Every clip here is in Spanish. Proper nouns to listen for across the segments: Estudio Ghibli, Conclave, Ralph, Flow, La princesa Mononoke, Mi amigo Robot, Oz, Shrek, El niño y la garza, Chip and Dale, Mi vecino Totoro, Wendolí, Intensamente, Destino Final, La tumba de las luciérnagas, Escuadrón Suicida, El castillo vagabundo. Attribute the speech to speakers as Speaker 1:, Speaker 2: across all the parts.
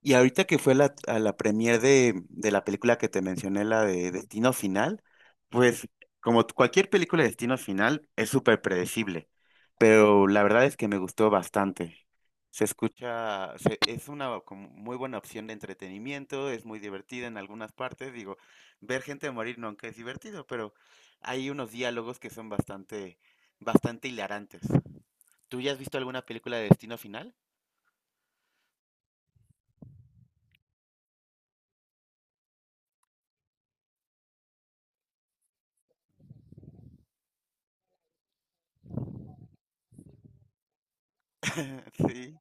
Speaker 1: Y ahorita que fue la premier de la película que te mencioné, la de Destino Final, pues cualquier película de Destino Final es súper predecible, pero la verdad es que me gustó bastante. Es una como muy buena opción de entretenimiento, es muy divertida en algunas partes. Digo, ver gente morir nunca es divertido, pero hay unos diálogos que son bastante, bastante hilarantes. ¿Tú ya has visto alguna película de Destino Final? Sí.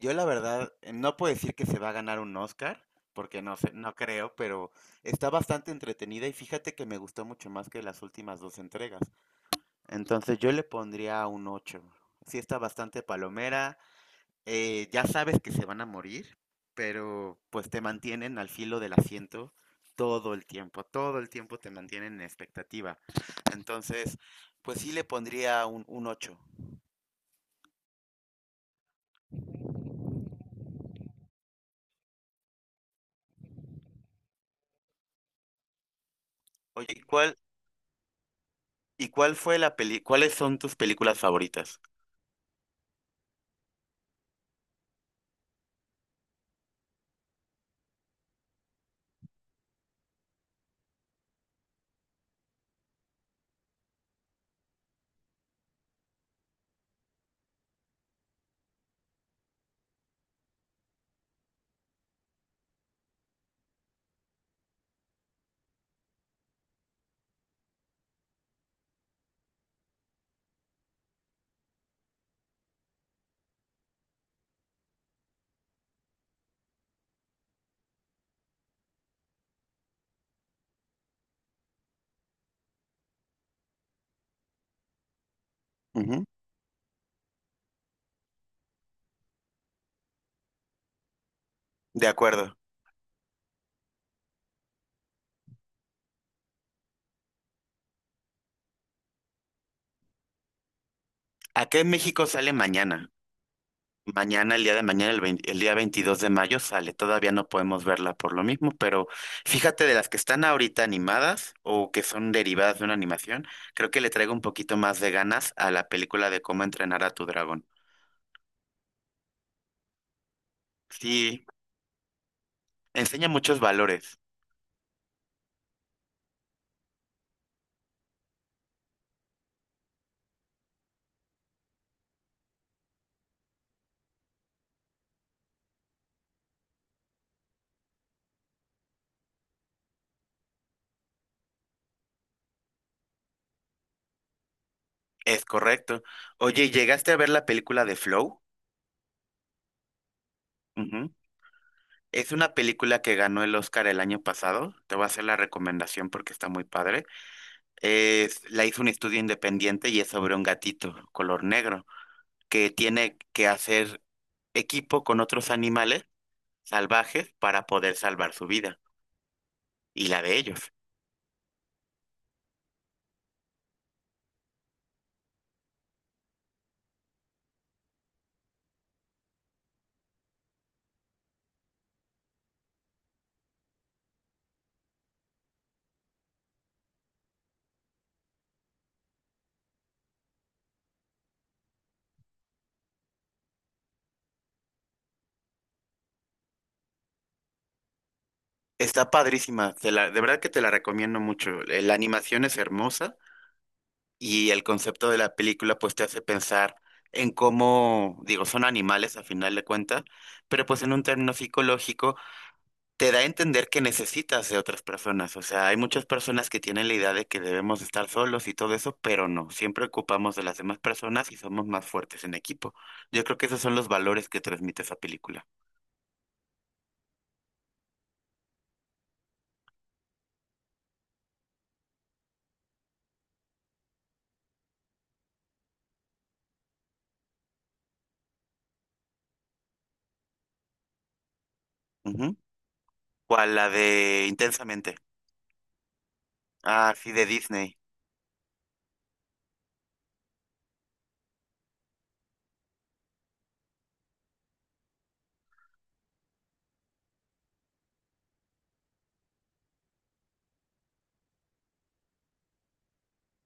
Speaker 1: Yo la verdad no puedo decir que se va a ganar un Oscar, porque no sé, no creo, pero está bastante entretenida y fíjate que me gustó mucho más que las últimas dos entregas. Entonces yo le pondría un 8. Sí está bastante palomera, ya sabes que se van a morir, pero pues te mantienen al filo del asiento todo el tiempo te mantienen en expectativa. Entonces, pues sí le pondría un 8. Oye, cuáles son tus películas favoritas? Ujú. De acuerdo. Acá en México sale mañana. Mañana, el día de mañana, el día 22 de mayo sale. Todavía no podemos verla por lo mismo, pero fíjate de las que están ahorita animadas o que son derivadas de una animación, creo que le traigo un poquito más de ganas a la película de cómo entrenar a tu dragón. Sí, enseña muchos valores. Es correcto. Oye, ¿llegaste a ver la película de Flow? Ujú. Es una película que ganó el Oscar el año pasado. Te voy a hacer la recomendación porque está muy padre. La hizo un estudio independiente y es sobre un gatito color negro que tiene que hacer equipo con otros animales salvajes para poder salvar su vida y la de ellos. Está padrísima, de verdad que te la recomiendo mucho. La animación es hermosa y el concepto de la película pues te hace pensar en cómo, digo, son animales a final de cuentas, pero pues en un término psicológico te da a entender que necesitas de otras personas. O sea, hay muchas personas que tienen la idea de que debemos estar solos y todo eso, pero no, siempre ocupamos de las demás personas y somos más fuertes en equipo. Yo creo que esos son los valores que transmite esa película. Ujú. ¿Cuál? La de Intensamente. Ah, sí, de Disney.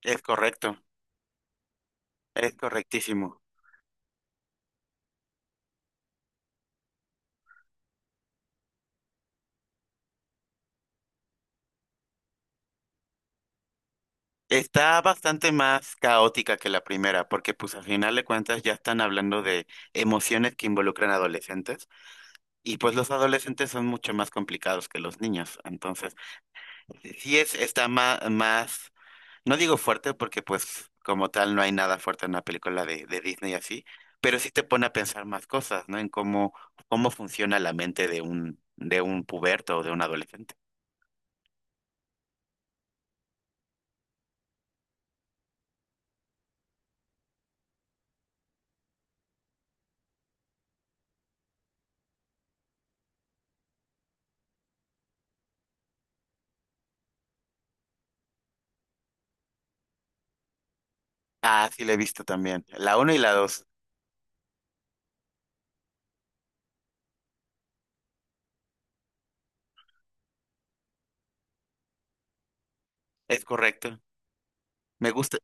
Speaker 1: Es correcto. Es correctísimo. Está bastante más caótica que la primera, porque pues al final de cuentas ya están hablando de emociones que involucran adolescentes y pues los adolescentes son mucho más complicados que los niños. Entonces, sí es, está más, más, no digo fuerte porque pues como tal no hay nada fuerte en una película de Disney así, pero sí te pone a pensar más cosas, ¿no? En cómo funciona la mente de un, puberto o de un adolescente. Ah, sí, la he visto también. La uno y la dos. Es correcto. Me gusta,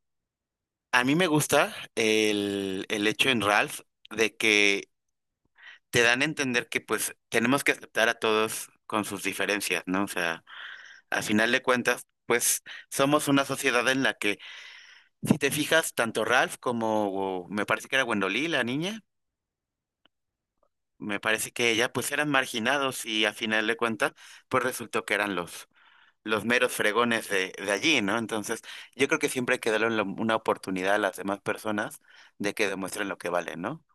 Speaker 1: a mí me gusta el hecho en Ralph de que te dan a entender que pues tenemos que aceptar a todos con sus diferencias, ¿no? O sea, a final de cuentas, pues somos una sociedad en la que, si te fijas, tanto Ralph como me parece que era Wendolí, la niña, me parece que ella, pues eran marginados y a final de cuentas, pues resultó que eran los meros fregones de allí, ¿no? Entonces, yo creo que siempre hay que darle una oportunidad a las demás personas de que demuestren lo que valen, ¿no?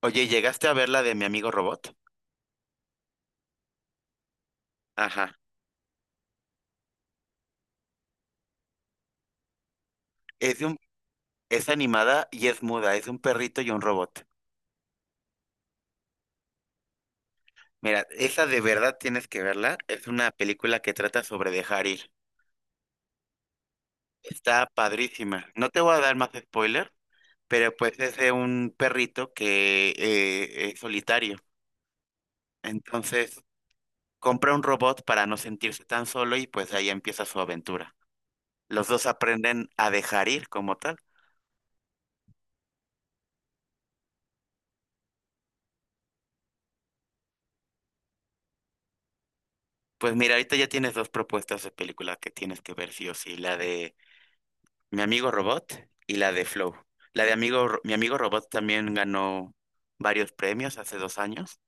Speaker 1: Oye, ¿llegaste a ver la de mi amigo robot? Ajá. Es de un, es animada y es muda, es un perrito y un robot. Mira, esa de verdad tienes que verla. Es una película que trata sobre dejar ir. Está padrísima. No te voy a dar más spoiler, pero pues es de un perrito que es solitario. Entonces, compra un robot para no sentirse tan solo y pues ahí empieza su aventura. Los dos aprenden a dejar ir como tal. Pues mira, ahorita ya tienes dos propuestas de película que tienes que ver sí o sí, la de Mi amigo Robot y la de Flow. La de mi amigo Robot también ganó varios premios hace 2 años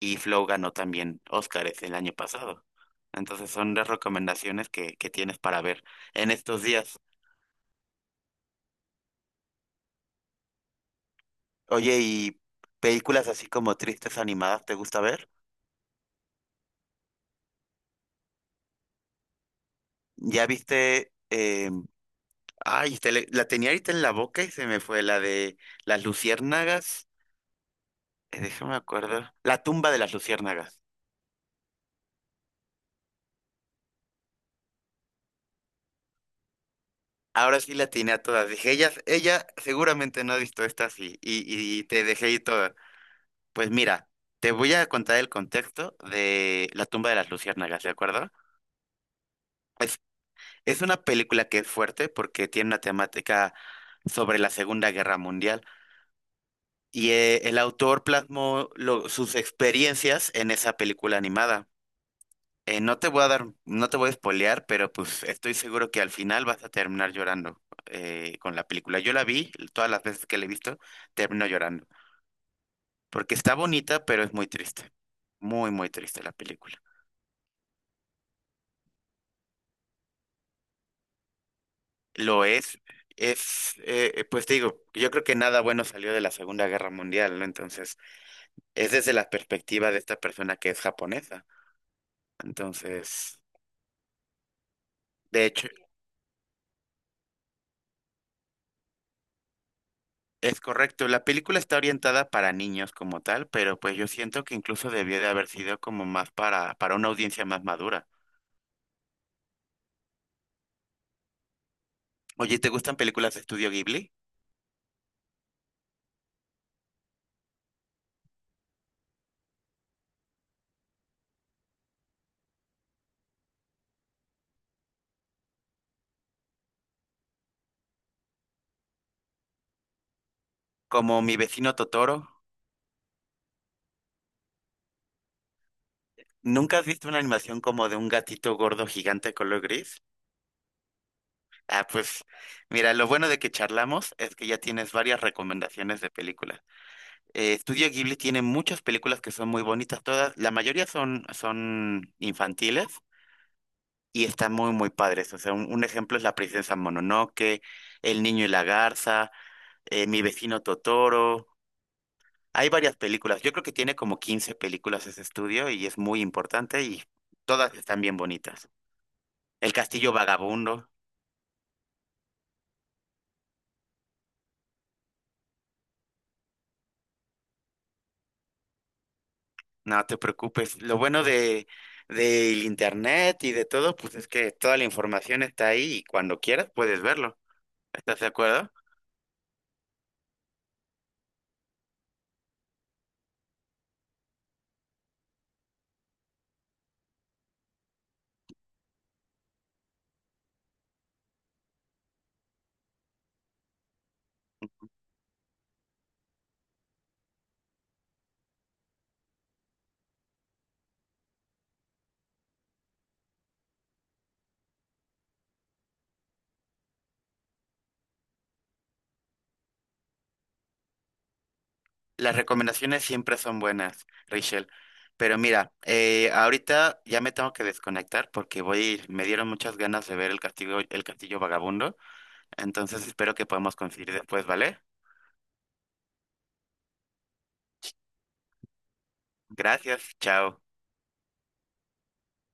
Speaker 1: y Flow ganó también Óscares el año pasado. Entonces son las recomendaciones que tienes para ver en estos días. Oye, ¿y películas así como tristes animadas te gusta ver? ¿Ya viste? La tenía ahorita en la boca y se me fue la de las luciérnagas. Déjame acuerdo. La tumba de las luciérnagas. Ahora sí la atiné a todas. Dije, ella seguramente no ha visto estas y te dejé ir todas. Pues mira, te voy a contar el contexto de La tumba de las luciérnagas, ¿de acuerdo? Es es una película que es fuerte porque tiene una temática sobre la Segunda Guerra Mundial y el autor plasmó sus experiencias en esa película animada. No te voy a dar, no te voy a spoilear, pero pues estoy seguro que al final vas a terminar llorando con la película. Yo la vi, todas las veces que la he visto, termino llorando. Porque está bonita, pero es muy triste. Muy, muy triste la película. Lo es, pues te digo, yo creo que nada bueno salió de la Segunda Guerra Mundial, ¿no? Entonces, es desde la perspectiva de esta persona que es japonesa. Entonces, de hecho, es correcto, la película está orientada para niños como tal, pero pues yo siento que incluso debió de haber sido como más para una audiencia más madura. Oye, ¿te gustan películas de estudio Ghibli? Como Mi vecino Totoro. ¿Nunca has visto una animación como de un gatito gordo gigante color gris? Ah, pues mira, lo bueno de que charlamos es que ya tienes varias recomendaciones de películas. Estudio Ghibli tiene muchas películas que son muy bonitas todas, la mayoría son, infantiles y está muy, muy padre eso. O sea, un ejemplo es La princesa Mononoke, El niño y la garza, Mi vecino Totoro. Hay varias películas. Yo creo que tiene como 15 películas ese estudio y es muy importante y todas están bien bonitas. El castillo vagabundo, no te preocupes. Lo bueno de del internet y de todo, pues es que toda la información está ahí y cuando quieras puedes verlo. ¿Estás de acuerdo? Las recomendaciones siempre son buenas, Rachel. Pero mira, ahorita ya me tengo que desconectar porque me dieron muchas ganas de ver el castillo vagabundo. Entonces espero que podamos coincidir después, ¿vale? Gracias, chao.